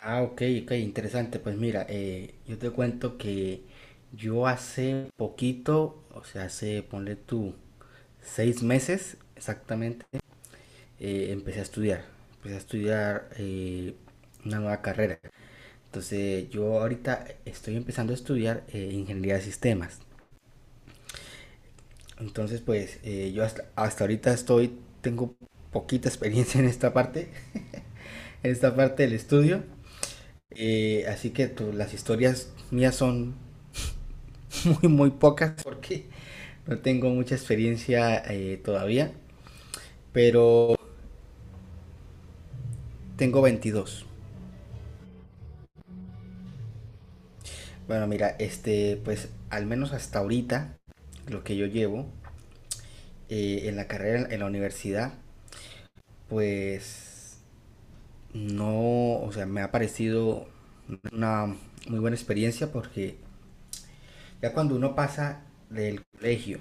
Ah, ok, ok, interesante. Pues mira, yo te cuento que yo hace poquito, o sea, hace, ponle tú, 6 meses exactamente, empecé a estudiar. Empecé a estudiar una nueva carrera. Entonces, yo ahorita estoy empezando a estudiar ingeniería de sistemas. Entonces, pues yo hasta ahorita estoy, tengo poquita experiencia en esta parte del estudio. Así que las historias mías son muy, muy pocas porque no tengo mucha experiencia todavía, pero tengo 22. Bueno, mira, este, pues al menos hasta ahorita, lo que yo llevo en la carrera, en la universidad, pues no, o sea, me ha parecido una muy buena experiencia porque ya cuando uno pasa del colegio,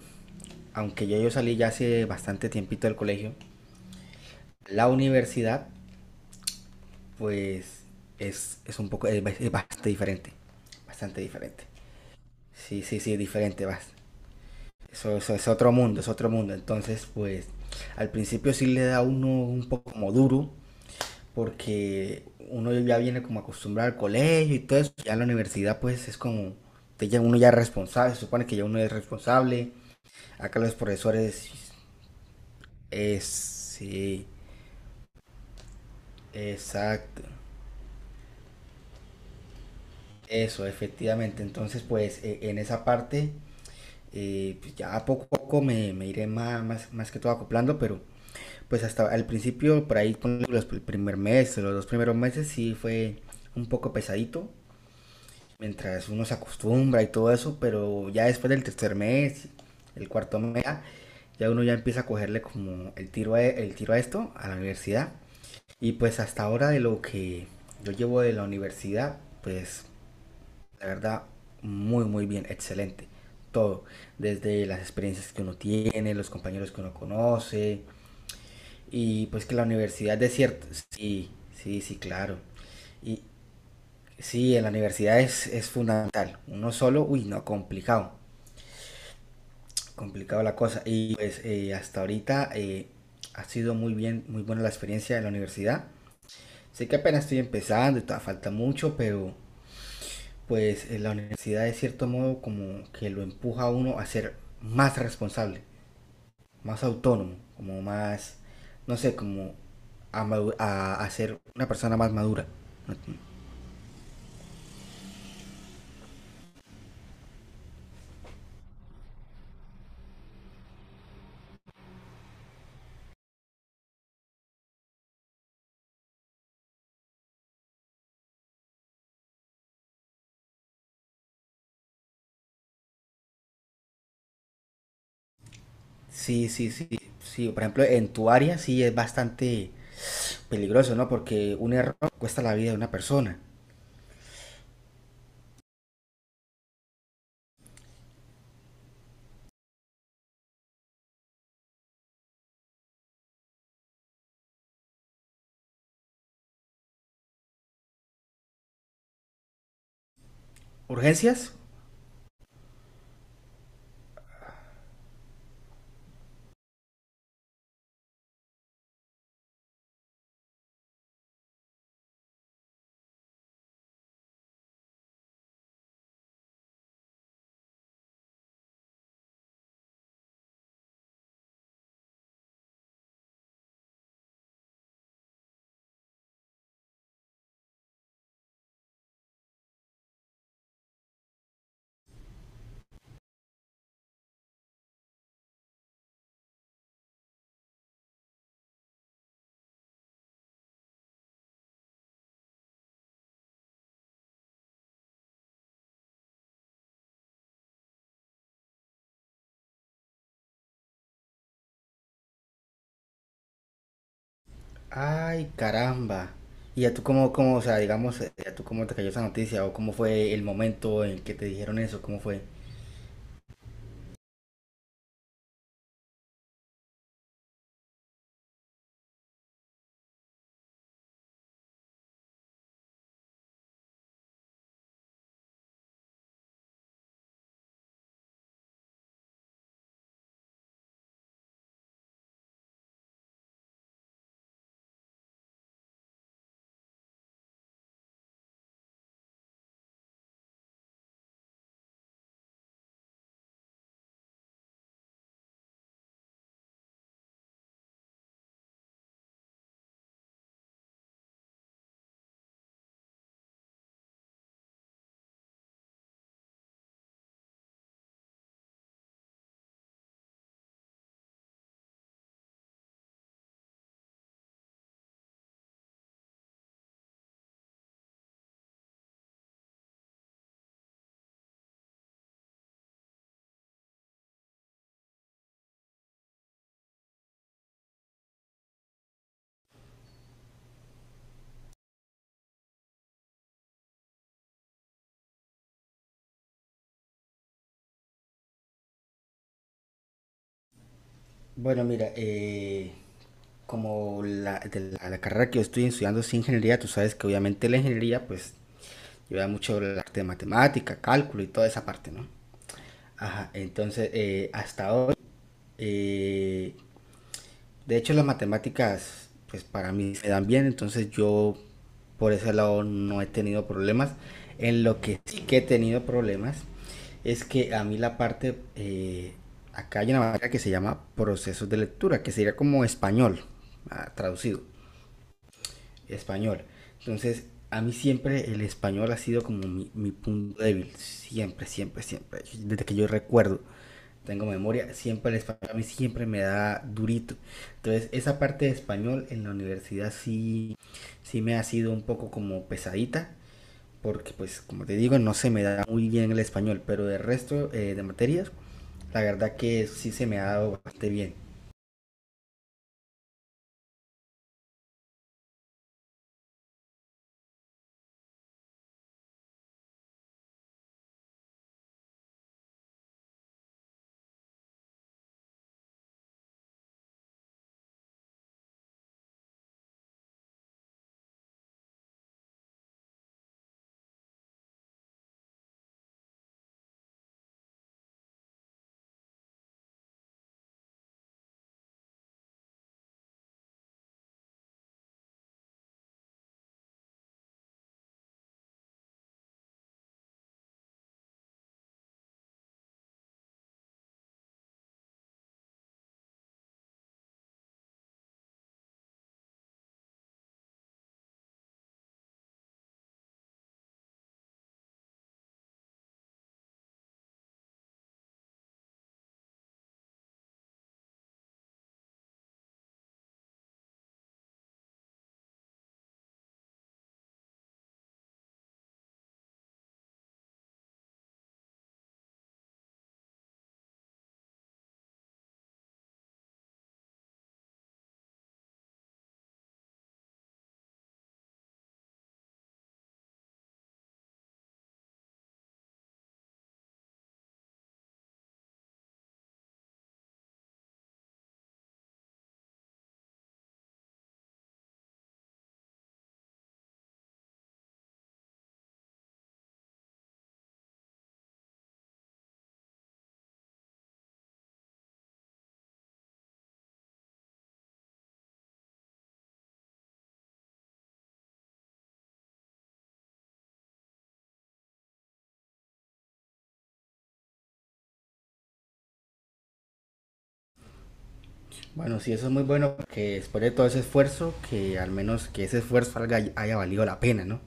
aunque ya yo salí ya hace bastante tiempito del colegio, la universidad pues es un poco, es bastante diferente. Bastante diferente. Sí, sí, sí, es diferente, basta. Eso es otro mundo, es otro mundo. Entonces, pues al principio sí le da a uno un poco como duro, porque uno ya viene como acostumbrado al colegio y todo eso. Ya en la universidad, pues es como, ya uno ya es responsable, se supone que ya uno es responsable. Acá los profesores, es, sí, exacto. Eso, efectivamente. Entonces, pues en esa parte pues ya poco a poco me iré más, más, más, que todo acoplando, pero pues hasta al principio, por ahí con el primer mes, los dos primeros meses sí fue un poco pesadito, mientras uno se acostumbra y todo eso, pero ya después del tercer mes, el cuarto mes, ya ya uno ya empieza a cogerle como el tiro el tiro a esto, a la universidad. Y pues hasta ahora de lo que yo llevo de la universidad, pues de verdad, muy, muy bien, excelente. Todo, desde las experiencias que uno tiene, los compañeros que uno conoce, y pues que la universidad de cierto, sí, sí, sí, claro. Y sí, en la universidad es fundamental. Uno solo, uy, no, complicado, complicado la cosa. Y pues hasta ahorita ha sido muy bien, muy buena la experiencia de la universidad. Sé que apenas estoy empezando y todavía falta mucho, pero pues la universidad de cierto modo como que lo empuja a uno a ser más responsable, más autónomo, como más, no sé, como a ser una persona más madura. ¿No? Sí, sí, sí, sí. Por ejemplo, en tu área sí es bastante peligroso, ¿no? Porque un error cuesta la vida de una persona. ¿Urgencias? Ay, caramba. ¿Y a tú o sea, digamos, a tú cómo te cayó esa noticia o cómo fue el momento en que te dijeron eso? ¿Cómo fue? Bueno, mira, como de la carrera que yo estoy estudiando es ingeniería, tú sabes que obviamente la ingeniería pues lleva mucho el arte de matemática, cálculo y toda esa parte, ¿no? Ajá, entonces hasta hoy, eh, de hecho, las matemáticas, pues para mí se dan bien, entonces yo por ese lado no he tenido problemas. En lo que sí que he tenido problemas es que a mí la parte, acá hay una materia que se llama procesos de lectura, que sería como español, ah, traducido, español. Entonces, a mí siempre el español ha sido como mi punto débil, siempre, siempre, siempre, desde que yo recuerdo tengo memoria, siempre el español a mí siempre me da durito. Entonces, esa parte de español en la universidad sí, sí me ha sido un poco como pesadita, porque pues como te digo, no se me da muy bien el español, pero el resto de materias, la verdad que sí se me ha dado bastante bien. Bueno, sí, eso es muy bueno, que después de todo ese esfuerzo, que al menos que ese esfuerzo salga haya valido la pena, ¿no?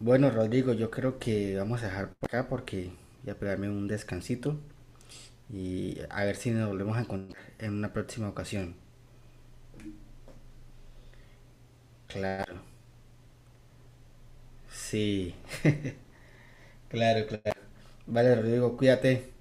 Bueno, Rodrigo, yo creo que vamos a dejar por acá porque voy a pegarme un descansito. Y a ver si nos volvemos a encontrar en una próxima ocasión. Claro, sí. Claro, claro. Vale, Rodrigo, cuídate.